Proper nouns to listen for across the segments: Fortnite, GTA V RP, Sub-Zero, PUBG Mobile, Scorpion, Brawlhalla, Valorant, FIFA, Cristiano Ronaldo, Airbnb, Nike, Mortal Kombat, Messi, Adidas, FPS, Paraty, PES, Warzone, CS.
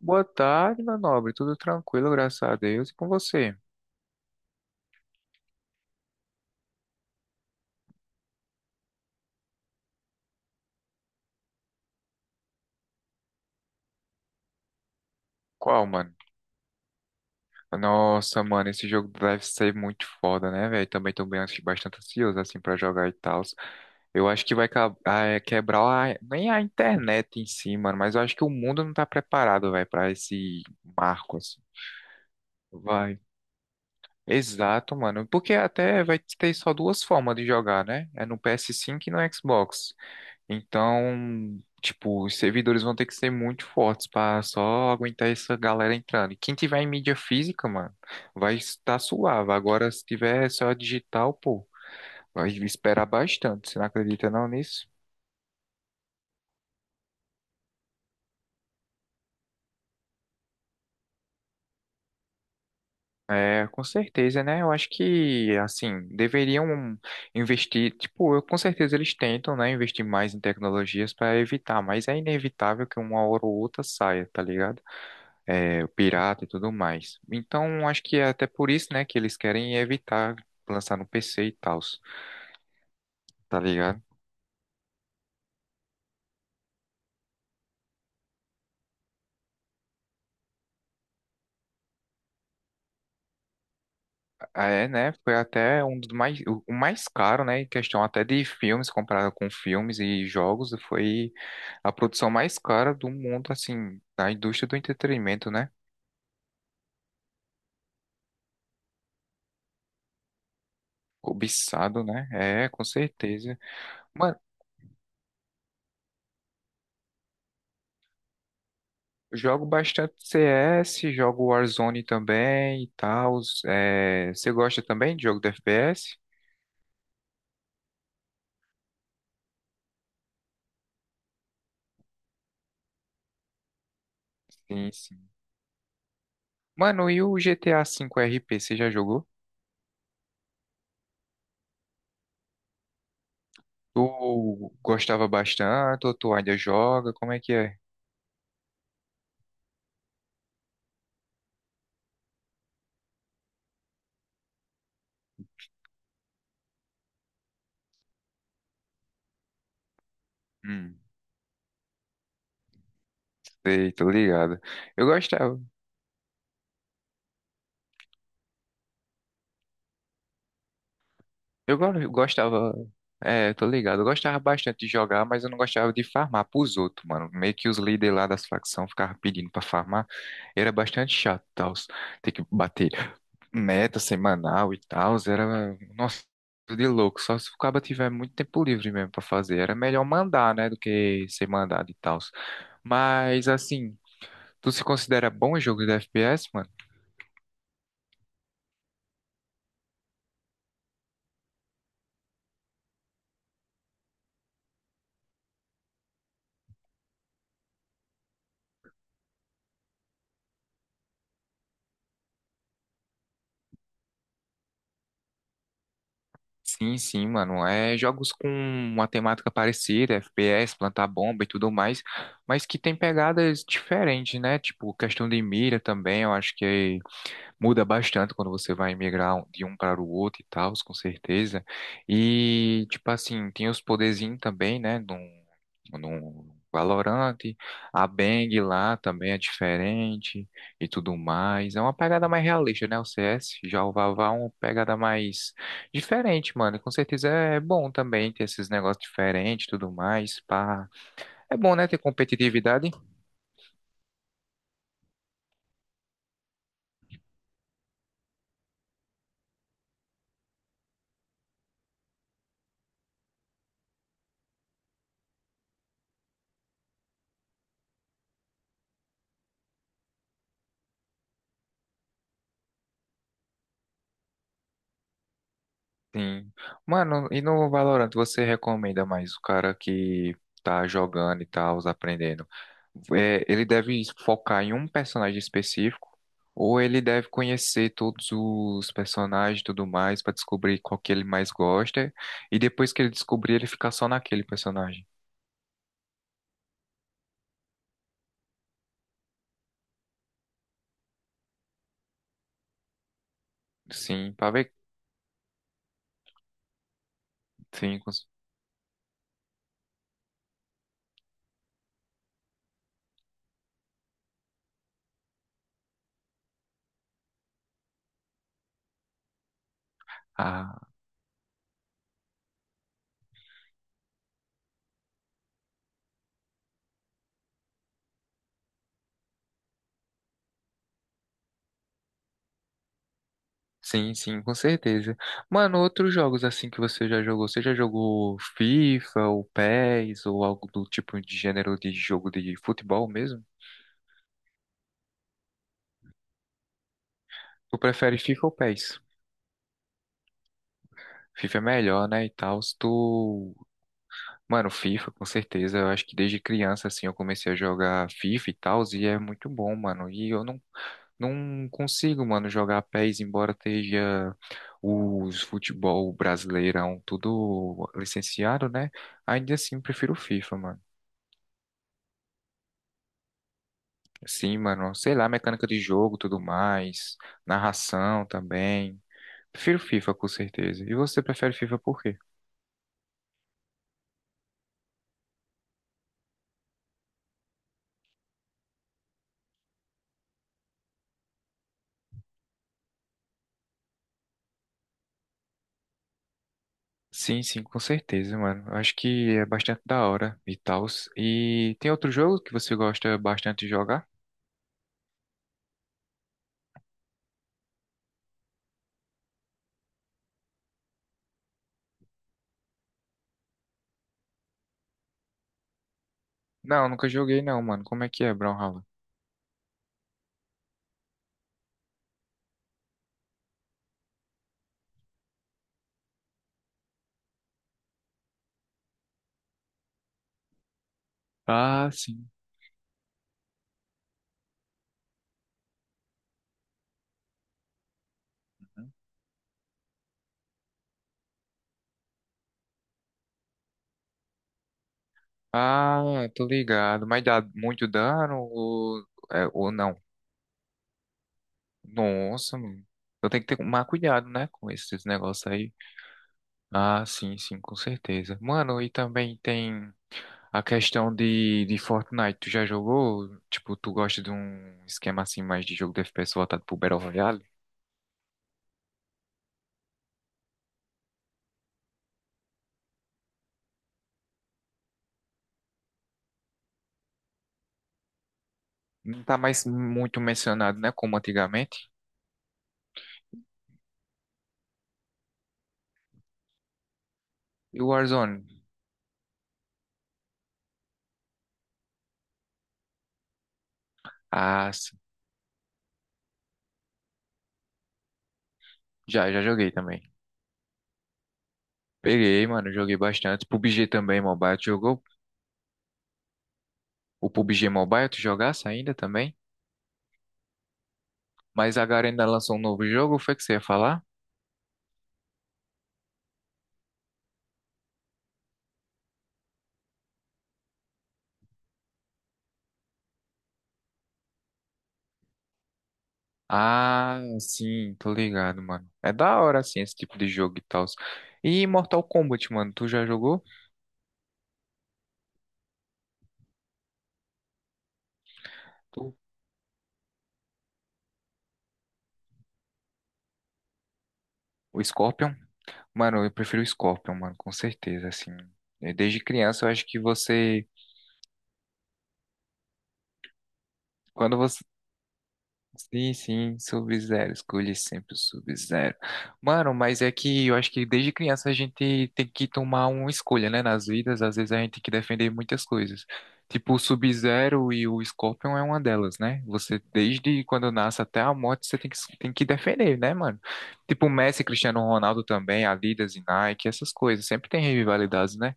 Boa tarde, meu nobre. Tudo tranquilo, graças a Deus. E com você? Qual, mano? Nossa, mano, esse jogo deve ser muito foda, né, velho? Também tô bem, bastante ansioso, assim, pra jogar e tal. Eu acho que vai quebrar nem a internet em si, mano, mas eu acho que o mundo não tá preparado, velho, pra esse marco, assim. Vai. Exato, mano, porque até vai ter só duas formas de jogar, né? É no PS5 e no Xbox. Então, tipo, os servidores vão ter que ser muito fortes para só aguentar essa galera entrando. E quem tiver em mídia física, mano, vai estar suave. Agora, se tiver só digital, pô, vai esperar bastante. Você não acredita não nisso? É, com certeza, né? Eu acho que, assim, deveriam investir. Tipo, eu, com certeza eles tentam, né, investir mais em tecnologias para evitar, mas é inevitável que uma hora ou outra saia, tá ligado? É, o pirata e tudo mais. Então, acho que é até por isso, né, que eles querem evitar lançar no PC e tal, tá ligado? É, né, foi até um dos mais, o mais caro, né, em questão até de filmes, comparado com filmes e jogos, foi a produção mais cara do mundo, assim, da indústria do entretenimento, né? Cobiçado, né? É, com certeza. Mano, jogo bastante CS, jogo Warzone também e tal. É, você gosta também de jogo de FPS? Sim, sim. Mano, e o GTA V RP, você já jogou? Tu gostava bastante ou tu ainda joga? Como é que é? Hum, sei, tô ligado. Eu gostava, gostava, é, tô ligado. Eu gostava bastante de jogar, mas eu não gostava de farmar pros outros, mano. Meio que os líderes lá das facções ficavam pedindo pra farmar. Era bastante chato, tal. Ter que bater meta semanal e tal. Era, nossa, de louco. Só se o cara tiver muito tempo livre mesmo pra fazer. Era melhor mandar, né, do que ser mandado e tal. Mas assim, tu se considera bom em jogos de FPS, mano? Sim, sim, mano. É jogos com uma temática parecida, FPS, plantar bomba e tudo mais, mas que tem pegadas diferentes, né? Tipo, questão de mira também, eu acho que muda bastante quando você vai migrar de um para o outro e tal, com certeza. E, tipo assim, tem os poderzinhos também, né? No no Valorant, a Bang lá também é diferente e tudo mais. É uma pegada mais realista, né? O CS, já o Vavá é uma pegada mais diferente, mano. E com certeza é bom também ter esses negócios diferentes e tudo mais. Pá. É bom, né? Ter competitividade. Sim. Mano, e no Valorant você recomenda mais o cara que tá jogando e tal, aprendendo? É, ele deve focar em um personagem específico ou ele deve conhecer todos os personagens e tudo mais pra descobrir qual que ele mais gosta e depois que ele descobrir ele ficar só naquele personagem? Sim, pra ver. Sim, cons- Sim, sim, com certeza. Mano, outros jogos assim que você já jogou FIFA ou PES ou algo do tipo de gênero de jogo de futebol mesmo? Tu prefere FIFA ou PES? FIFA é melhor, né, e tal. Tu mano, FIFA, com certeza. Eu acho que desde criança, assim, eu comecei a jogar FIFA e tal, e é muito bom, mano. E eu não, não consigo, mano, jogar pés, embora esteja os futebol brasileirão tudo licenciado, né? Ainda assim, prefiro FIFA, mano. Sim, mano, sei lá, mecânica de jogo, tudo mais, narração também. Prefiro FIFA, com certeza. E você prefere FIFA por quê? Sim, sim, com certeza, mano. Acho que é bastante da hora e tal. E tem outro jogo que você gosta bastante de jogar? Não, nunca joguei não, mano. Como é que é, Brawlhalla? Ah, sim. Ah, tô ligado. Mas dá muito dano ou, é, ou não? Nossa, mano. Eu tenho que ter mais cuidado, né, com esses negócios aí. Ah, sim, sim, com certeza. Mano, e também tem a questão de Fortnite, tu já jogou? Tipo, tu gosta de um esquema assim mais de jogo de FPS voltado pro Battle Royale? Não tá mais muito mencionado, né? Como antigamente. E o Warzone? Ah, sim. Já, já joguei também. Peguei, mano, joguei bastante. PUBG também, Mobile, tu jogou? O PUBG Mobile, tu jogasse ainda também? Mas agora ainda lançou um novo jogo, foi que você ia falar? Ah, sim, tô ligado, mano. É da hora, assim, esse tipo de jogo e tal. E Mortal Kombat, mano, tu já jogou? Tu- o Scorpion? Mano, eu prefiro o Scorpion, mano, com certeza, assim. Eh, desde criança, eu acho que você. Quando você. Sim, sim, Sub-Zero. Escolhe sempre o Sub-Zero. Mano, mas é que eu acho que desde criança a gente tem que tomar uma escolha, né? Nas vidas, às vezes a gente tem que defender muitas coisas. Tipo, o Sub-Zero e o Scorpion é uma delas, né? Você, desde quando nasce até a morte, você tem que defender, né, mano? Tipo, Messi, Cristiano Ronaldo também, Adidas e Nike, essas coisas. Sempre tem rivalidades, né?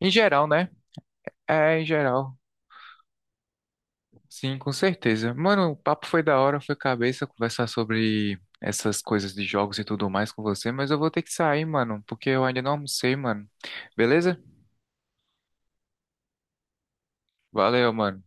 Em geral, né? É, em geral. Sim, com certeza. Mano, o papo foi da hora, foi cabeça conversar sobre essas coisas de jogos e tudo mais com você, mas eu vou ter que sair, mano, porque eu ainda não almocei, mano. Beleza? Valeu, mano.